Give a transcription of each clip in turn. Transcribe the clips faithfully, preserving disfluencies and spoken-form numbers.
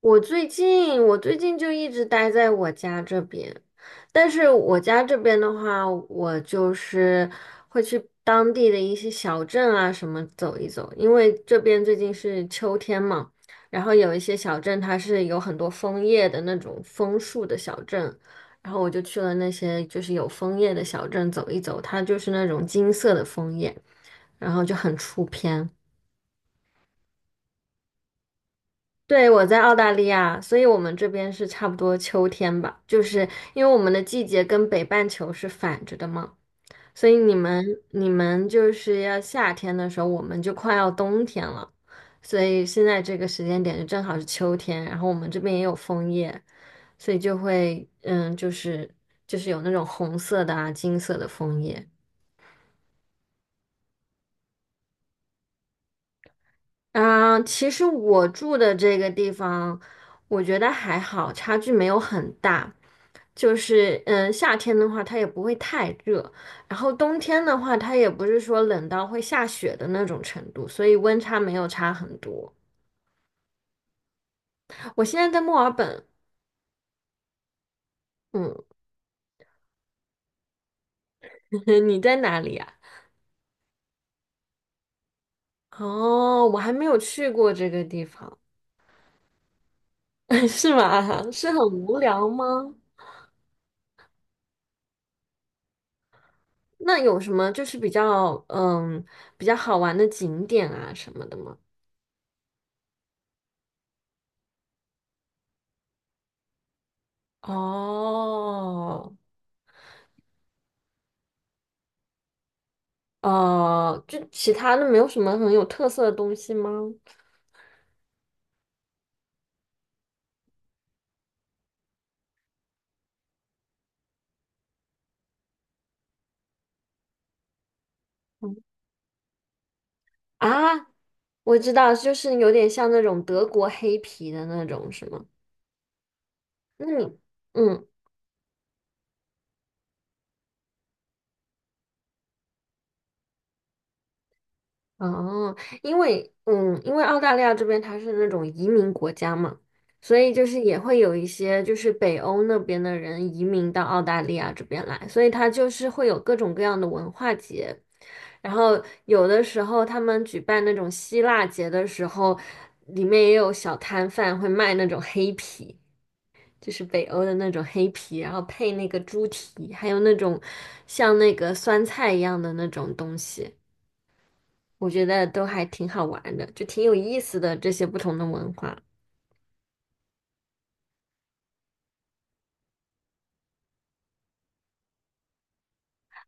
我最近我最近就一直待在我家这边，但是我家这边的话，我就是会去当地的一些小镇啊什么走一走，因为这边最近是秋天嘛，然后有一些小镇它是有很多枫叶的那种枫树的小镇，然后我就去了那些就是有枫叶的小镇走一走，它就是那种金色的枫叶，然后就很出片。对，我在澳大利亚，所以我们这边是差不多秋天吧，就是因为我们的季节跟北半球是反着的嘛，所以你们你们就是要夏天的时候，我们就快要冬天了，所以现在这个时间点就正好是秋天，然后我们这边也有枫叶，所以就会嗯，就是就是有那种红色的啊、金色的枫叶。嗯，其实我住的这个地方，我觉得还好，差距没有很大。就是嗯，夏天的话它也不会太热，然后冬天的话它也不是说冷到会下雪的那种程度，所以温差没有差很多。我现在在墨尔本，嗯，你在哪里呀？哦，我还没有去过这个地方，是吗？是很无聊吗？那有什么就是比较嗯比较好玩的景点啊什么的吗？哦，哦，就其他的没有什么很有特色的东西吗？嗯啊，我知道，就是有点像那种德国黑啤的那种，是吗？那你，嗯哦，因为嗯，因为澳大利亚这边它是那种移民国家嘛，所以就是也会有一些就是北欧那边的人移民到澳大利亚这边来，所以它就是会有各种各样的文化节，然后有的时候他们举办那种希腊节的时候，里面也有小摊贩会卖那种黑啤，就是北欧的那种黑啤，然后配那个猪蹄，还有那种像那个酸菜一样的那种东西。我觉得都还挺好玩的，就挺有意思的这些不同的文化。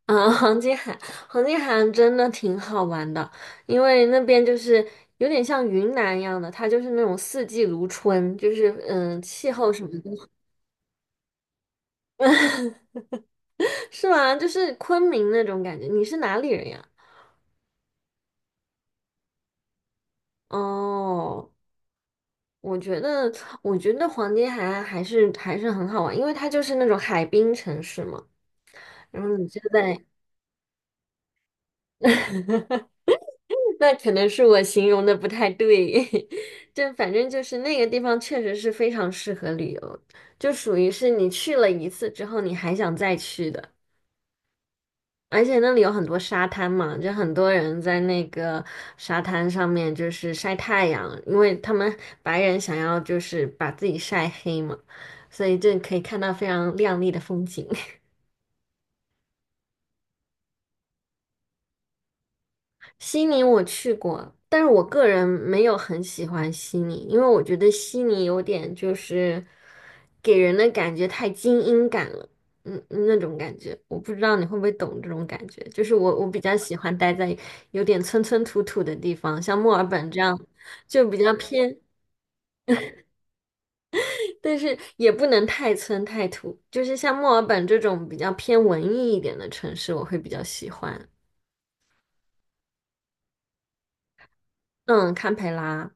啊，黄金海，黄金海岸真的挺好玩的，因为那边就是有点像云南一样的，它就是那种四季如春，就是嗯，气候什么的，是吗？就是昆明那种感觉。你是哪里人呀？哦，我觉得，我觉得黄金海岸还是还是很好玩，因为它就是那种海滨城市嘛。然后你就在 那可能是我形容的不太对，就反正就是那个地方确实是非常适合旅游，就属于是你去了一次之后你还想再去的，而且那里有很多沙滩嘛，就很多人在那个沙滩上面就是晒太阳，因为他们白人想要就是把自己晒黑嘛，所以就可以看到非常亮丽的风景。悉尼我去过，但是我个人没有很喜欢悉尼，因为我觉得悉尼有点就是给人的感觉太精英感了，嗯，那种感觉，我不知道你会不会懂这种感觉。就是我我比较喜欢待在有点村村土土的地方，像墨尔本这样就比较偏，但是也不能太村太土，就是像墨尔本这种比较偏文艺一点的城市，我会比较喜欢。嗯，堪培拉。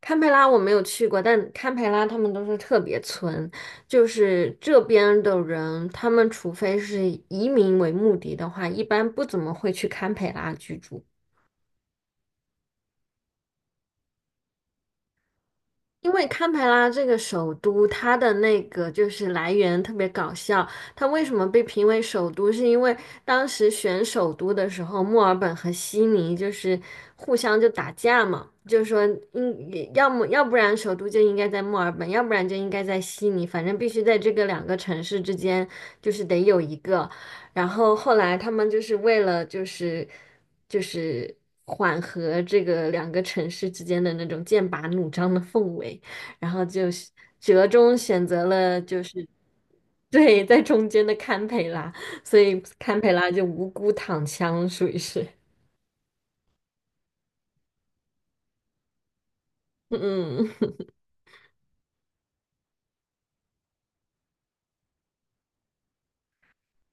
堪培拉我没有去过，但堪培拉他们都是特别村，就是这边的人，他们除非是移民为目的的话，一般不怎么会去堪培拉居住。因为堪培拉这个首都，它的那个就是来源特别搞笑，它为什么被评为首都？是因为当时选首都的时候，墨尔本和悉尼就是互相就打架嘛，就说应要么要不然首都就应该在墨尔本，要不然就应该在悉尼，反正必须在这个两个城市之间，就是得有一个。然后后来他们就是为了就是就是缓和这个两个城市之间的那种剑拔弩张的氛围。然后就是折中选择了就是对在中间的堪培拉，所以堪培拉就无辜躺枪，属于是。嗯嗯，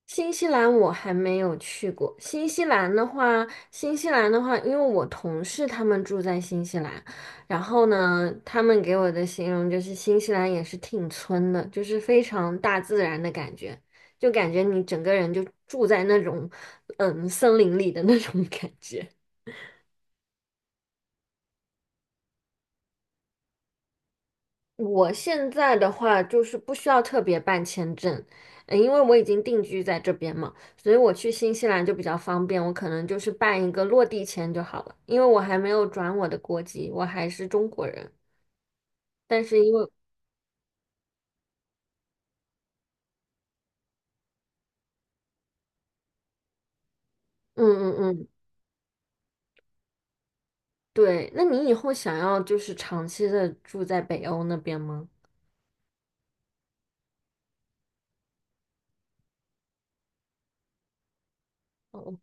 新西兰我还没有去过。新西兰的话，新西兰的话，因为我同事他们住在新西兰，然后呢，他们给我的形容就是新西兰也是挺村的，就是非常大自然的感觉，就感觉你整个人就住在那种嗯森林里的那种感觉。我现在的话就是不需要特别办签证，呃因为我已经定居在这边嘛，所以我去新西兰就比较方便，我可能就是办一个落地签就好了，因为我还没有转我的国籍，我还是中国人。但是因为，嗯嗯嗯，对，那你以后想要就是长期的住在北欧那边吗？哦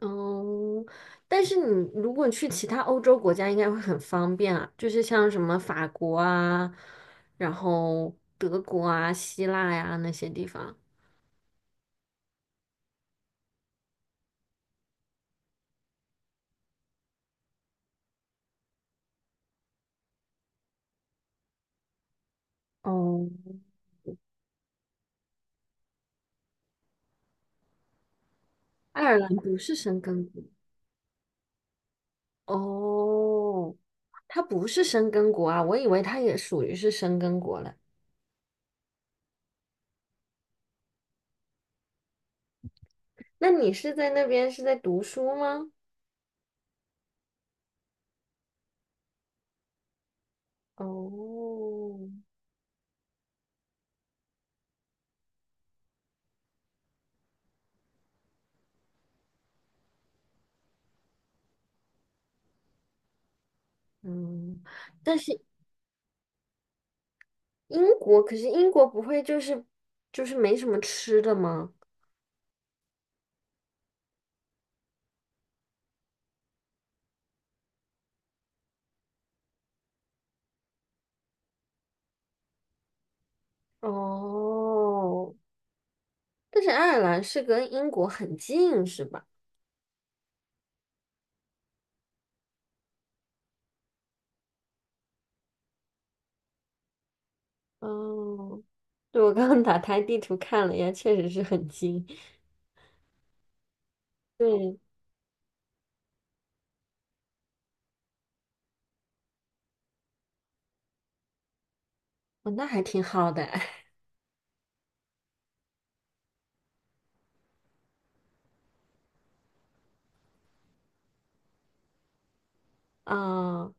哦，但是你如果去其他欧洲国家，应该会很方便啊，就是像什么法国啊，然后德国啊、希腊呀、那些地方。哦，爱尔兰不是生根国。哦，它不是生根国啊，我以为它也属于是生根国了。那你是在那边是在读书吗？哦，嗯，但是英国，可是英国不会就是就是没什么吃的吗？哦，但是爱尔兰是跟英国很近，是吧？哦，对，我刚刚打开地图看了一下，确实是很近。对，哦，那还挺好的。啊，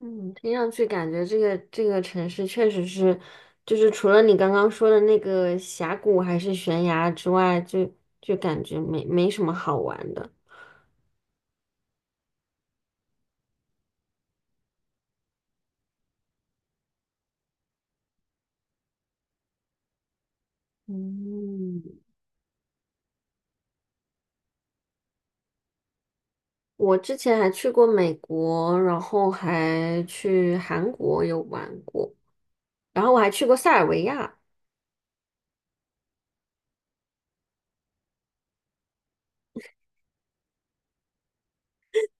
嗯，听上去感觉这个这个城市确实是，就是除了你刚刚说的那个峡谷还是悬崖之外，就就感觉没没什么好玩的。嗯，我之前还去过美国，然后还去韩国有玩过。然后我还去过塞尔维亚，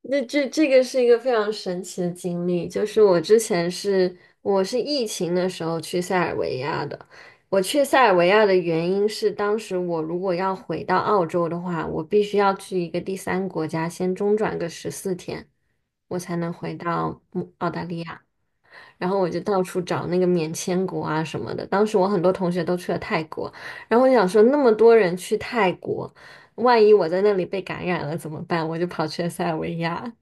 那这这个是一个非常神奇的经历，就是我之前是我是疫情的时候去塞尔维亚的。我去塞尔维亚的原因是，当时我如果要回到澳洲的话，我必须要去一个第三国家先中转个十四天，我才能回到嗯澳大利亚。然后我就到处找那个免签国啊什么的。当时我很多同学都去了泰国，然后我想说那么多人去泰国，万一我在那里被感染了怎么办？我就跑去了塞尔维亚。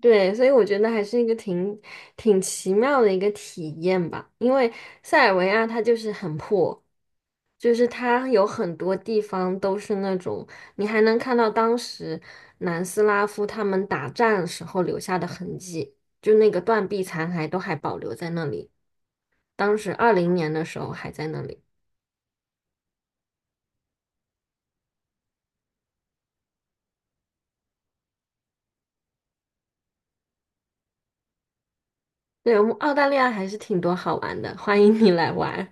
对，所以我觉得还是一个挺挺奇妙的一个体验吧，因为塞尔维亚它就是很破，就是它有很多地方都是那种你还能看到当时南斯拉夫他们打战时候留下的痕迹，就那个断壁残骸都还保留在那里，当时二零年的时候还在那里。对，我们澳大利亚还是挺多好玩的，欢迎你来玩。